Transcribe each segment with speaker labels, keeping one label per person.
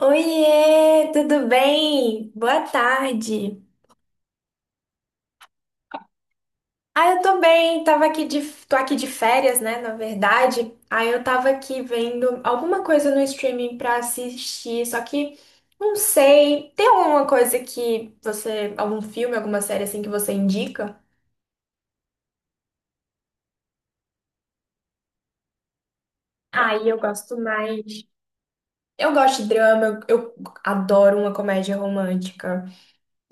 Speaker 1: Oiê, tudo bem? Boa tarde. Ah, eu tô bem, tava aqui de, tô aqui de férias, né, na verdade. Aí eu tava aqui vendo alguma coisa no streaming pra assistir, só que não sei. Tem alguma coisa que você, algum filme, alguma série assim que você indica? Aí eu gosto mais. Eu gosto de drama, eu adoro uma comédia romântica.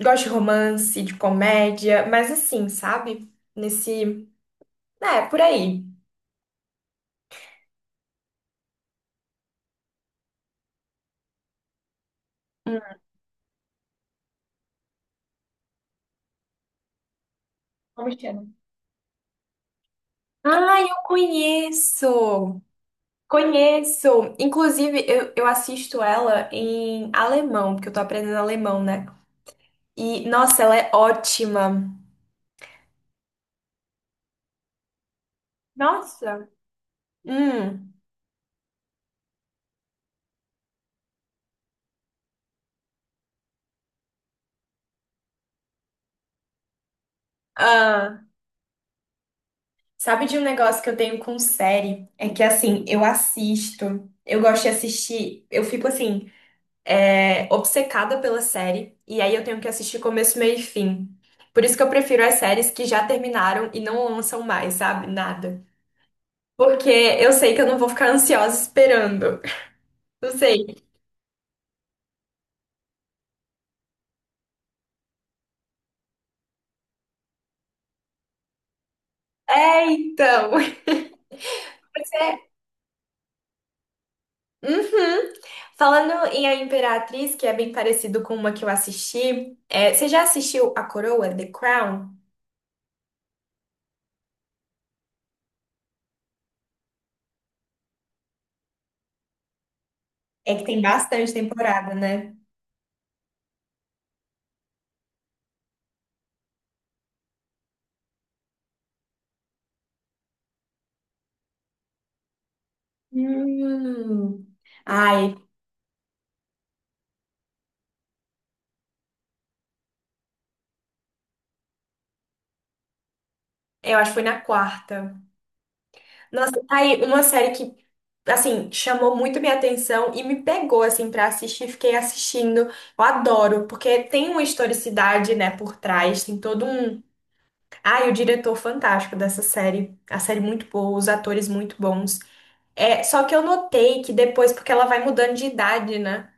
Speaker 1: Gosto de romance, de comédia, mas assim, sabe? Nesse, é, por aí. Paulistana. Ah, eu conheço! Conheço! Inclusive, eu assisto ela em alemão, porque eu tô aprendendo alemão, né? E, nossa, ela é ótima! Nossa! Hum. Ah, sabe de um negócio que eu tenho com série? É que, assim, eu assisto, eu gosto de assistir, eu fico, assim, obcecada pela série, e aí eu tenho que assistir começo, meio e fim. Por isso que eu prefiro as séries que já terminaram e não lançam mais, sabe? Nada. Porque eu sei que eu não vou ficar ansiosa esperando. Não sei. É, então. Uhum. Falando em A Imperatriz, que é bem parecido com uma que eu assisti, você já assistiu A Coroa, The Crown? É que tem bastante temporada, né? Hum. Ai, eu acho que foi na quarta. Nossa, tá aí uma série que, assim, chamou muito minha atenção e me pegou, assim, pra assistir. Fiquei assistindo. Eu adoro, porque tem uma historicidade, né, por trás. Tem todo um. Ah, e o diretor fantástico dessa série. A série muito boa, os atores muito bons. É, só que eu notei que depois, porque ela vai mudando de idade, né?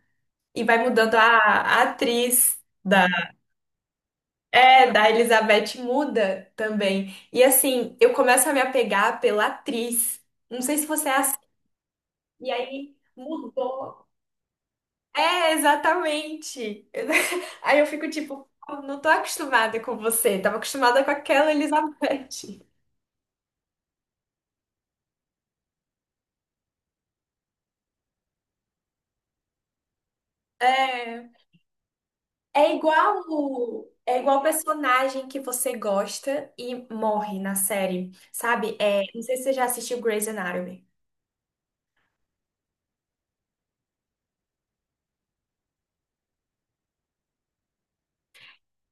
Speaker 1: E vai mudando a atriz da, é, da Elizabeth muda também. E assim, eu começo a me apegar pela atriz. Não sei se você é assim. E aí mudou. É, exatamente. Aí eu fico tipo, "Pô, não tô acostumada com você. Tava acostumada com aquela Elizabeth." É. É igual o personagem que você gosta e morre na série, sabe? É, não sei se você já assistiu Grey's Anatomy.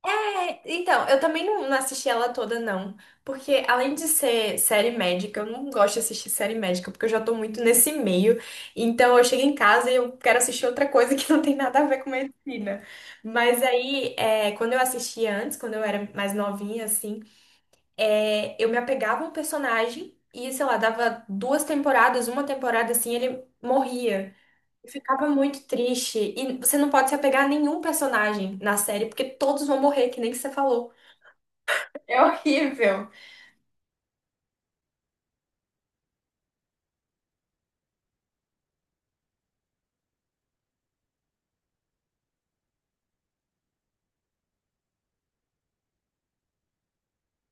Speaker 1: É, então, eu também não assisti ela toda, não. Porque além de ser série médica, eu não gosto de assistir série médica, porque eu já tô muito nesse meio. Então eu chego em casa e eu quero assistir outra coisa que não tem nada a ver com medicina. Mas aí, quando eu assistia antes, quando eu era mais novinha, assim. É, eu me apegava a um personagem e, sei lá, dava duas temporadas, uma temporada assim, ele morria. Eu ficava muito triste. E você não pode se apegar a nenhum personagem na série, porque todos vão morrer, que nem que você falou. É horrível.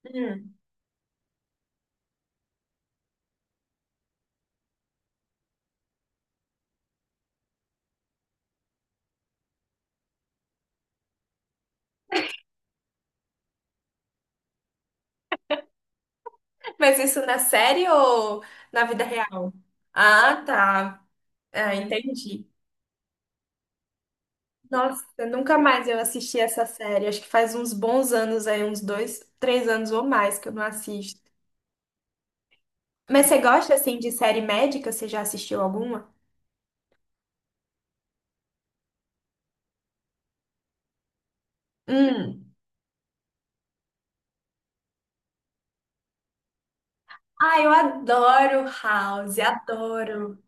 Speaker 1: Hum. Mas isso na série ou na vida real? Ah, tá. Ah, entendi. Nossa, nunca mais eu assisti essa série. Acho que faz uns bons anos aí, uns dois, três anos ou mais que eu não assisto. Mas você gosta, assim, de série médica? Você já assistiu alguma? Hum. Ah, eu adoro House, adoro.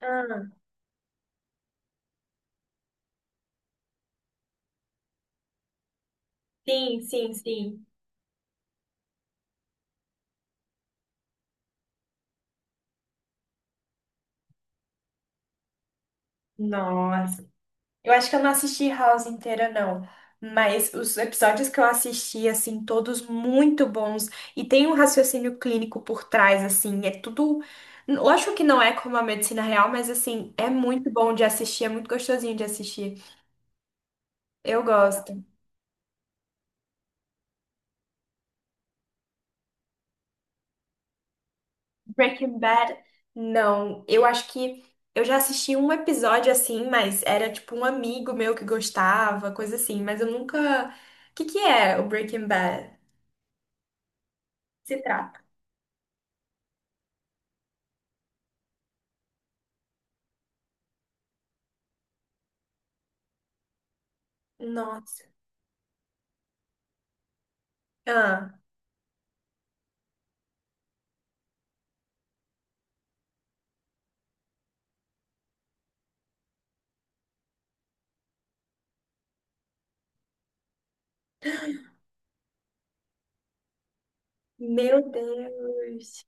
Speaker 1: Ah. Sim, sim, sim. Nossa, eu acho que eu não assisti House inteira, não. Mas os episódios que eu assisti, assim, todos muito bons. E tem um raciocínio clínico por trás, assim. É tudo. Eu acho que não é como a medicina real, mas, assim, é muito bom de assistir, é muito gostosinho de assistir. Eu gosto. Breaking Bad, não. Eu acho que eu já assisti um episódio assim, mas era tipo um amigo meu que gostava, coisa assim, mas eu nunca. O que que é o Breaking Bad? Se trata. Nossa. Ah, meu Deus.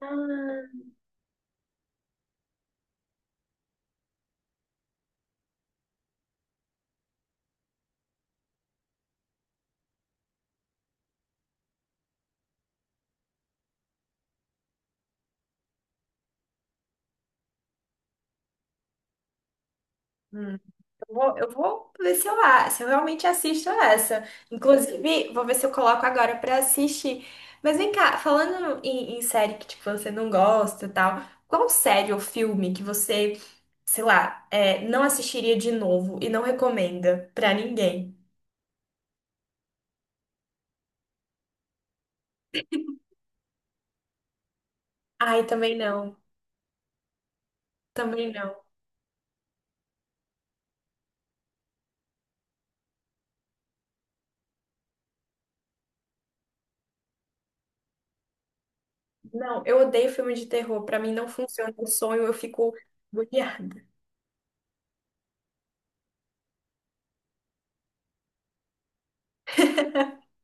Speaker 1: Ah. Hum. Eu vou ver se eu, a- se eu realmente assisto essa. Inclusive, vou ver se eu coloco agora pra assistir. Mas vem cá, falando em, em série que tipo, você não gosta e tal, qual série ou filme que você, sei lá, não assistiria de novo e não recomenda pra ninguém? Ai, também não. Também não. Não, eu odeio filme de terror. Pra mim não funciona o sonho, eu fico agoniada.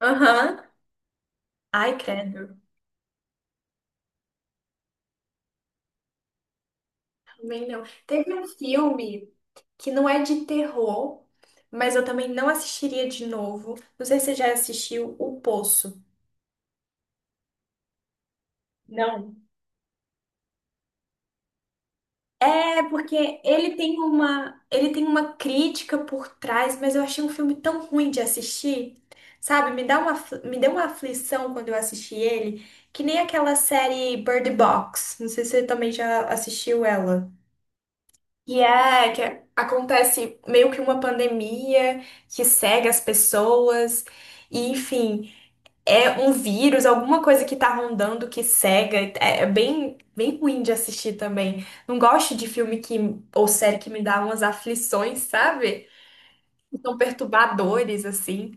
Speaker 1: Aham. Ai, credo. Também não. Teve um filme que não é de terror, mas eu também não assistiria de novo. Não sei se você já assistiu O Poço. Não. É porque ele tem uma crítica por trás, mas eu achei um filme tão ruim de assistir. Sabe, me dá uma, afli- me deu uma aflição quando eu assisti ele, que nem aquela série Bird Box. Não sei se você também já assistiu ela. E é que é, acontece meio que uma pandemia que cega as pessoas, e enfim, é um vírus, alguma coisa que tá rondando que cega. É é bem, bem ruim de assistir também. Não gosto de filme que, ou série que me dá umas aflições, sabe? Que são perturbadores, assim.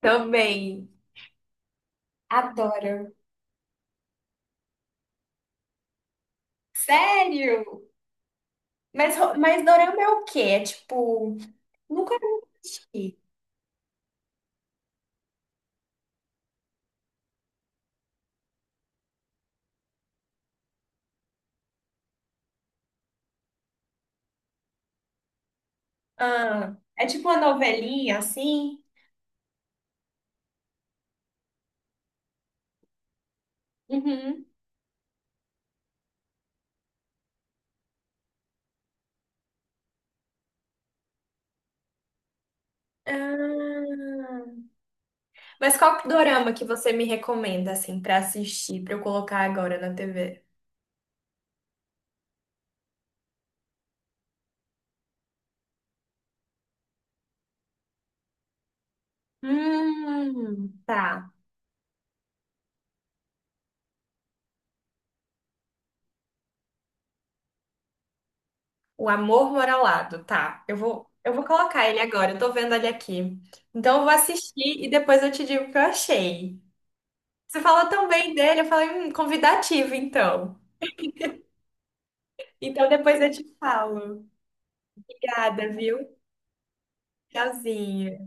Speaker 1: Também. Adoro. Sério? Mas, ro- mas dorama é o quê? É tipo. Nunca assisti. Ah, é tipo uma novelinha assim? Uhum. Ah. Mas qual dorama que você me recomenda, assim, pra assistir, pra eu colocar agora na TV? Tá. O Amor Moralado, tá. Eu vou colocar ele agora, eu tô vendo ele aqui. Então eu vou assistir e depois eu te digo o que eu achei. Você falou tão bem dele, eu falei, convidativo, então. Então depois eu te falo. Obrigada, viu? Tchauzinho.